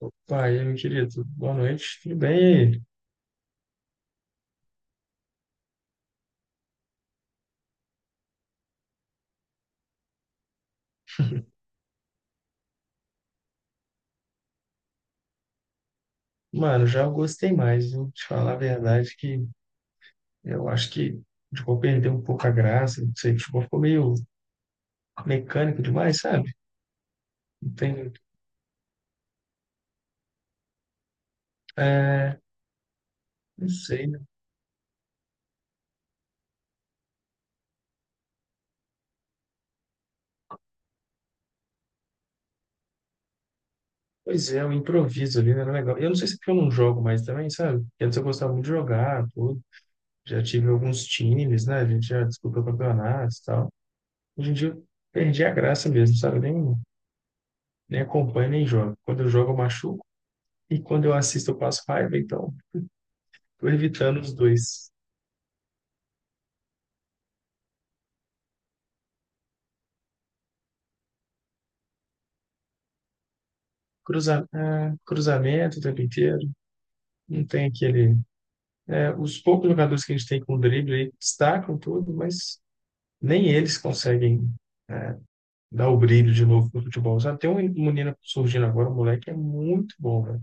Opa, e aí, meu querido, boa noite, tudo bem? E aí? Mano, já gostei mais, viu? Te falar a verdade que eu acho que o futebol perdeu um pouco a graça, não sei, o futebol ficou meio mecânico demais, sabe? Não tem, é, não sei, né? Pois é, o improviso ali não era legal. Eu não sei se é porque eu não jogo mais também, sabe? Porque antes eu gostava muito de jogar, tudo. Já tive alguns times, né? A gente já disputou campeonatos e tal. Hoje em dia eu perdi a graça mesmo, sabe? Nem acompanho, nem jogo. Quando eu jogo, eu machuco. E quando eu assisto, eu passo raiva, então tô evitando os dois. Cruza, ah, cruzamento o tempo inteiro, não tem aquele. É, os poucos jogadores que a gente tem com drible aí destacam tudo, mas nem eles conseguem dar o brilho de novo no futebol. Sabe? Tem um menino surgindo agora, um moleque que é muito bom, velho.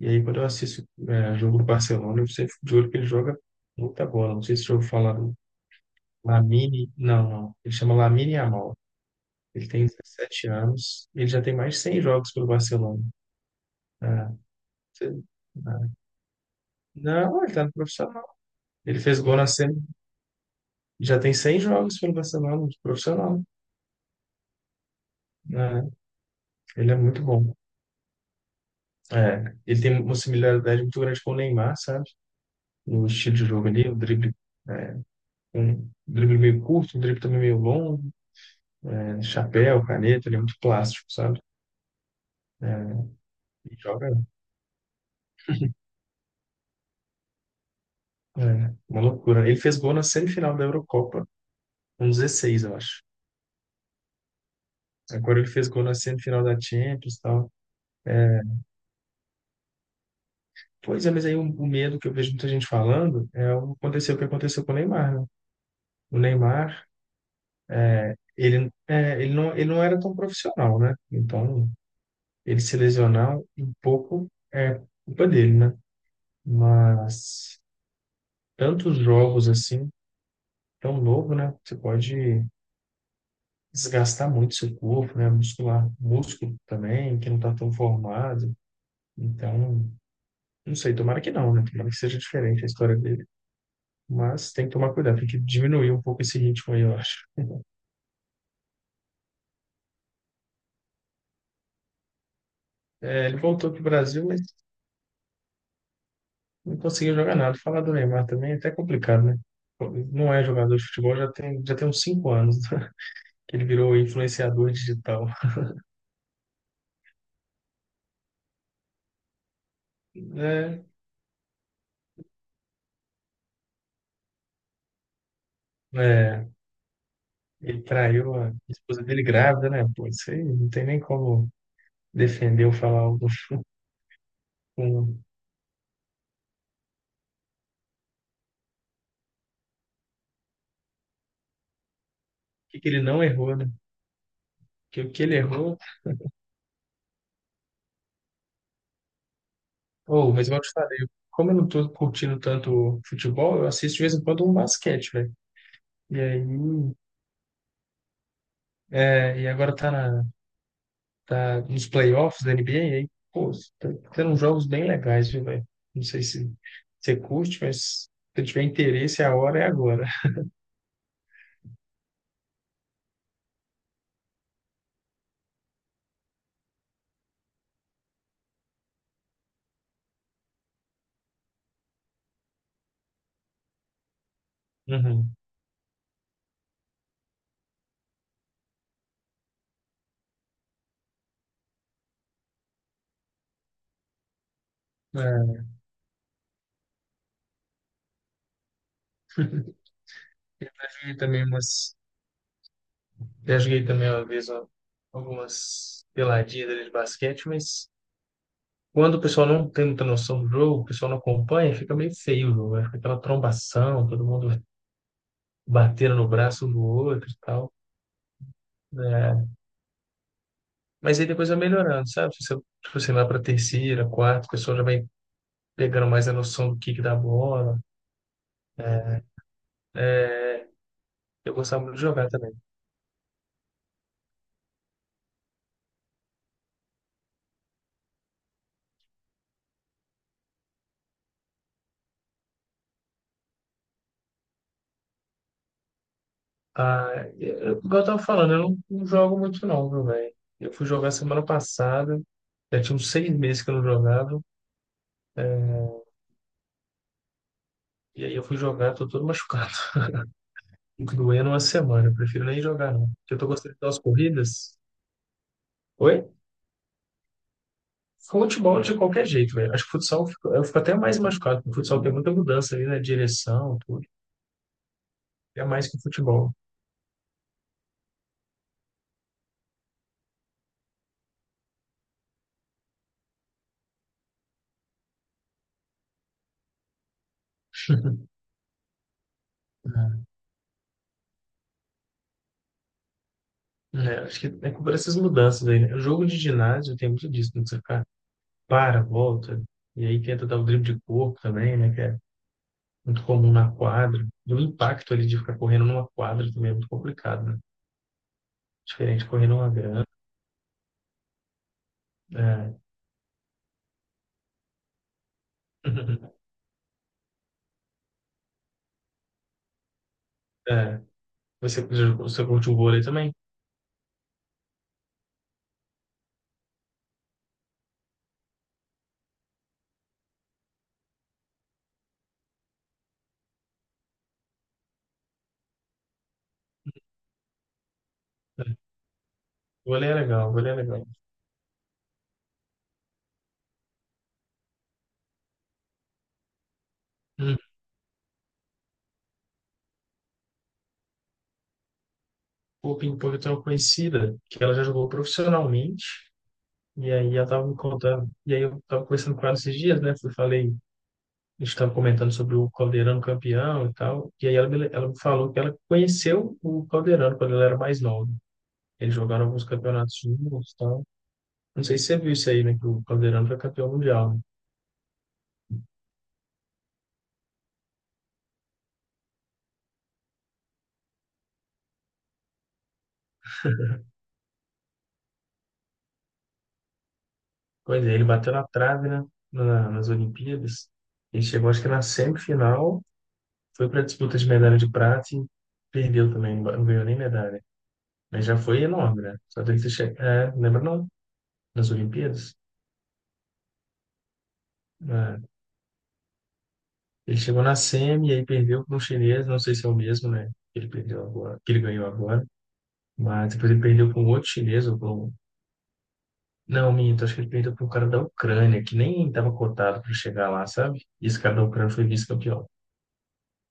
E aí, quando eu assisto é, jogo do Barcelona, eu sempre fico de olho que ele joga muita bola. Não sei se eu ouviu falar do Lamine, não, não. Ele chama Lamine Yamal. Ele tem 17 anos, ele já tem mais de 100 jogos pelo Barcelona. É, você- é. Não, ele tá no profissional. Ele fez gol na semi. Já tem 100 jogos pelo Barcelona, no profissional. Né? Ele é muito bom. É, ele tem uma similaridade muito grande com o Neymar, sabe? No estilo de jogo ali, o drible, um drible meio curto, um drible também meio longo, né? Chapéu, caneta, ele é muito plástico, sabe? E joga, é, uma loucura. Ele fez gol na semifinal da Eurocopa, com 16, eu acho. Agora ele fez gol na semifinal da Champions e tal. É, pois é, mas aí o medo que eu vejo muita gente falando é o que aconteceu com o Neymar, né? O Neymar, ele, é, ele não era tão profissional, né? Então, ele se lesionar um pouco é culpa dele, né? Mas tantos jogos assim, tão novo, né? Você pode desgastar muito seu corpo, né? Muscular, músculo também, que não tá tão formado. Então, não sei, tomara que não, né? Tomara que seja diferente a história dele. Mas tem que tomar cuidado, tem que diminuir um pouco esse ritmo aí, eu acho. É, ele voltou para o Brasil, mas não conseguiu jogar nada. Falar do Neymar também é até complicado, né? Não é jogador de futebol, já tem uns 5 anos que ele virou influenciador digital. É, é, ele traiu a esposa dele grávida, né? Pô, isso aí não tem nem como defender ou falar algo com o que que ele não errou, né? Que o que ele errou. Oh, mas igual eu te falei, como eu não tô curtindo tanto futebol, eu assisto de vez em quando um basquete, velho. E aí. É, e agora tá na, tá nos playoffs da NBA, e aí, pô, tá tendo uns jogos bem legais, viu, velho? Não sei se você curte, mas se tiver interesse, a hora é agora. Uhum. É. Eu já joguei também umas. Já joguei também uma vez ó, algumas peladinhas ali de basquete, mas quando o pessoal não tem muita noção do jogo, o pessoal não acompanha, fica meio feio o jogo, né? Fica aquela trombação, todo mundo batendo no braço um do outro e tal. Né? Mas aí depois vai melhorando, sabe? Se você vai para terceira, quarta, o pessoal já vai pegando mais a noção do kick da bola. Né? É, eu gostava muito de jogar também. Ah, igual eu tava falando, eu não jogo muito não, meu velho? Eu fui jogar semana passada, já tinha uns 6 meses que eu não jogava, é, e aí eu fui jogar, tô todo machucado. Fico doendo uma semana, eu prefiro nem jogar não. Porque eu tô gostando de dar umas corridas. Oi? Futebol de qualquer jeito, velho. Acho que futsal eu fico até mais machucado, porque o futsal tem muita mudança ali na direção, tudo. É mais que o futebol. É, acho que é culpa dessas mudanças aí, né? O jogo de ginásio tem muito disso, né? Você fica, para, volta, e aí tenta dar o drible de corpo também, né? Que é muito comum na quadra. E o impacto ali de ficar correndo numa quadra também é muito complicado, né? Diferente de correr numa grama. É. É. Você curte o vôlei também? É. O vôlei é legal, o vôlei é legal. Hum. O ping-pong tem uma conhecida que ela já jogou profissionalmente, e aí ela tava me contando, e aí eu tava conversando com ela esses dias, né? Eu falei. A gente estava comentando sobre o Caldeirano campeão e tal, e aí ela me falou que ela conheceu o Caldeirano quando ela era mais nova. Eles jogaram alguns campeonatos juntos e tal. Não sei se você viu isso aí, né? Que o Caldeirano foi campeão mundial, né? Pois é, ele bateu na trave, né? Nas Olimpíadas. Ele chegou, acho que na semifinal, foi para a disputa de medalha de prata e perdeu também, não ganhou nem medalha. Mas já foi enorme, né? Só dele ter chegado. É, lembra não? Nas Olimpíadas. É. Ele chegou na semi e aí perdeu para um chinês, não sei se é o mesmo, né? Que ele perdeu agora, que ele ganhou agora, mas depois ele perdeu para um outro chinês ou para um... Não, minto, acho que ele perdeu para um cara da Ucrânia, que nem estava cotado para chegar lá, sabe? E esse cara da Ucrânia foi vice-campeão.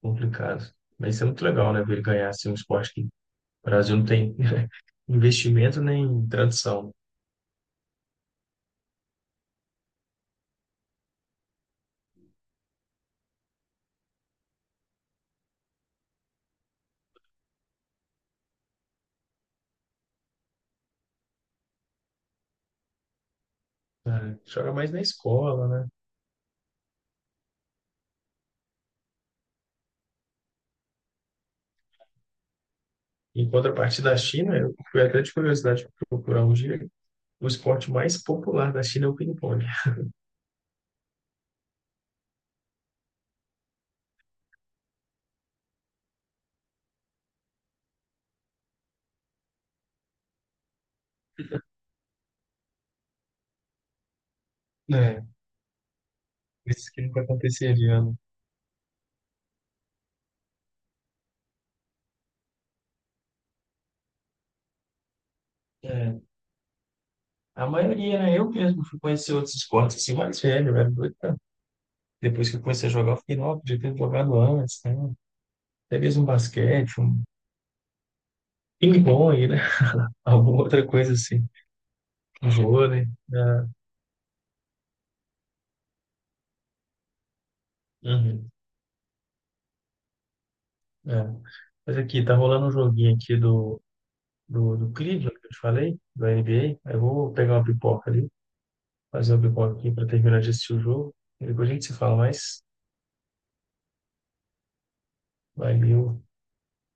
Complicado. Mas isso é muito legal, né? Ver ele ganhar assim, um esporte que o Brasil não tem investimento nem tradição. Né? Joga mais na escola, né? Em contrapartida da China, eu fui até de curiosidade procurar um dia, o esporte mais popular da China é o ping-pong. É. Isso que nunca aconteceria, né? É, a maioria, né? Eu mesmo fui conhecer outros esportes assim mais velho, eu era doido. Depois que eu comecei a jogar, eu fiquei, nossa, podia ter jogado antes, né? Até mesmo um basquete, um ping-pong, né? Alguma outra coisa assim. Um vôlei. Né? Uhum, é. Mas aqui, tá rolando um joguinho aqui do Cleveland, que eu te falei, do NBA. Aí eu vou pegar uma pipoca ali, fazer uma pipoca aqui pra terminar de assistir o jogo. E depois a gente se fala mais. Valeu.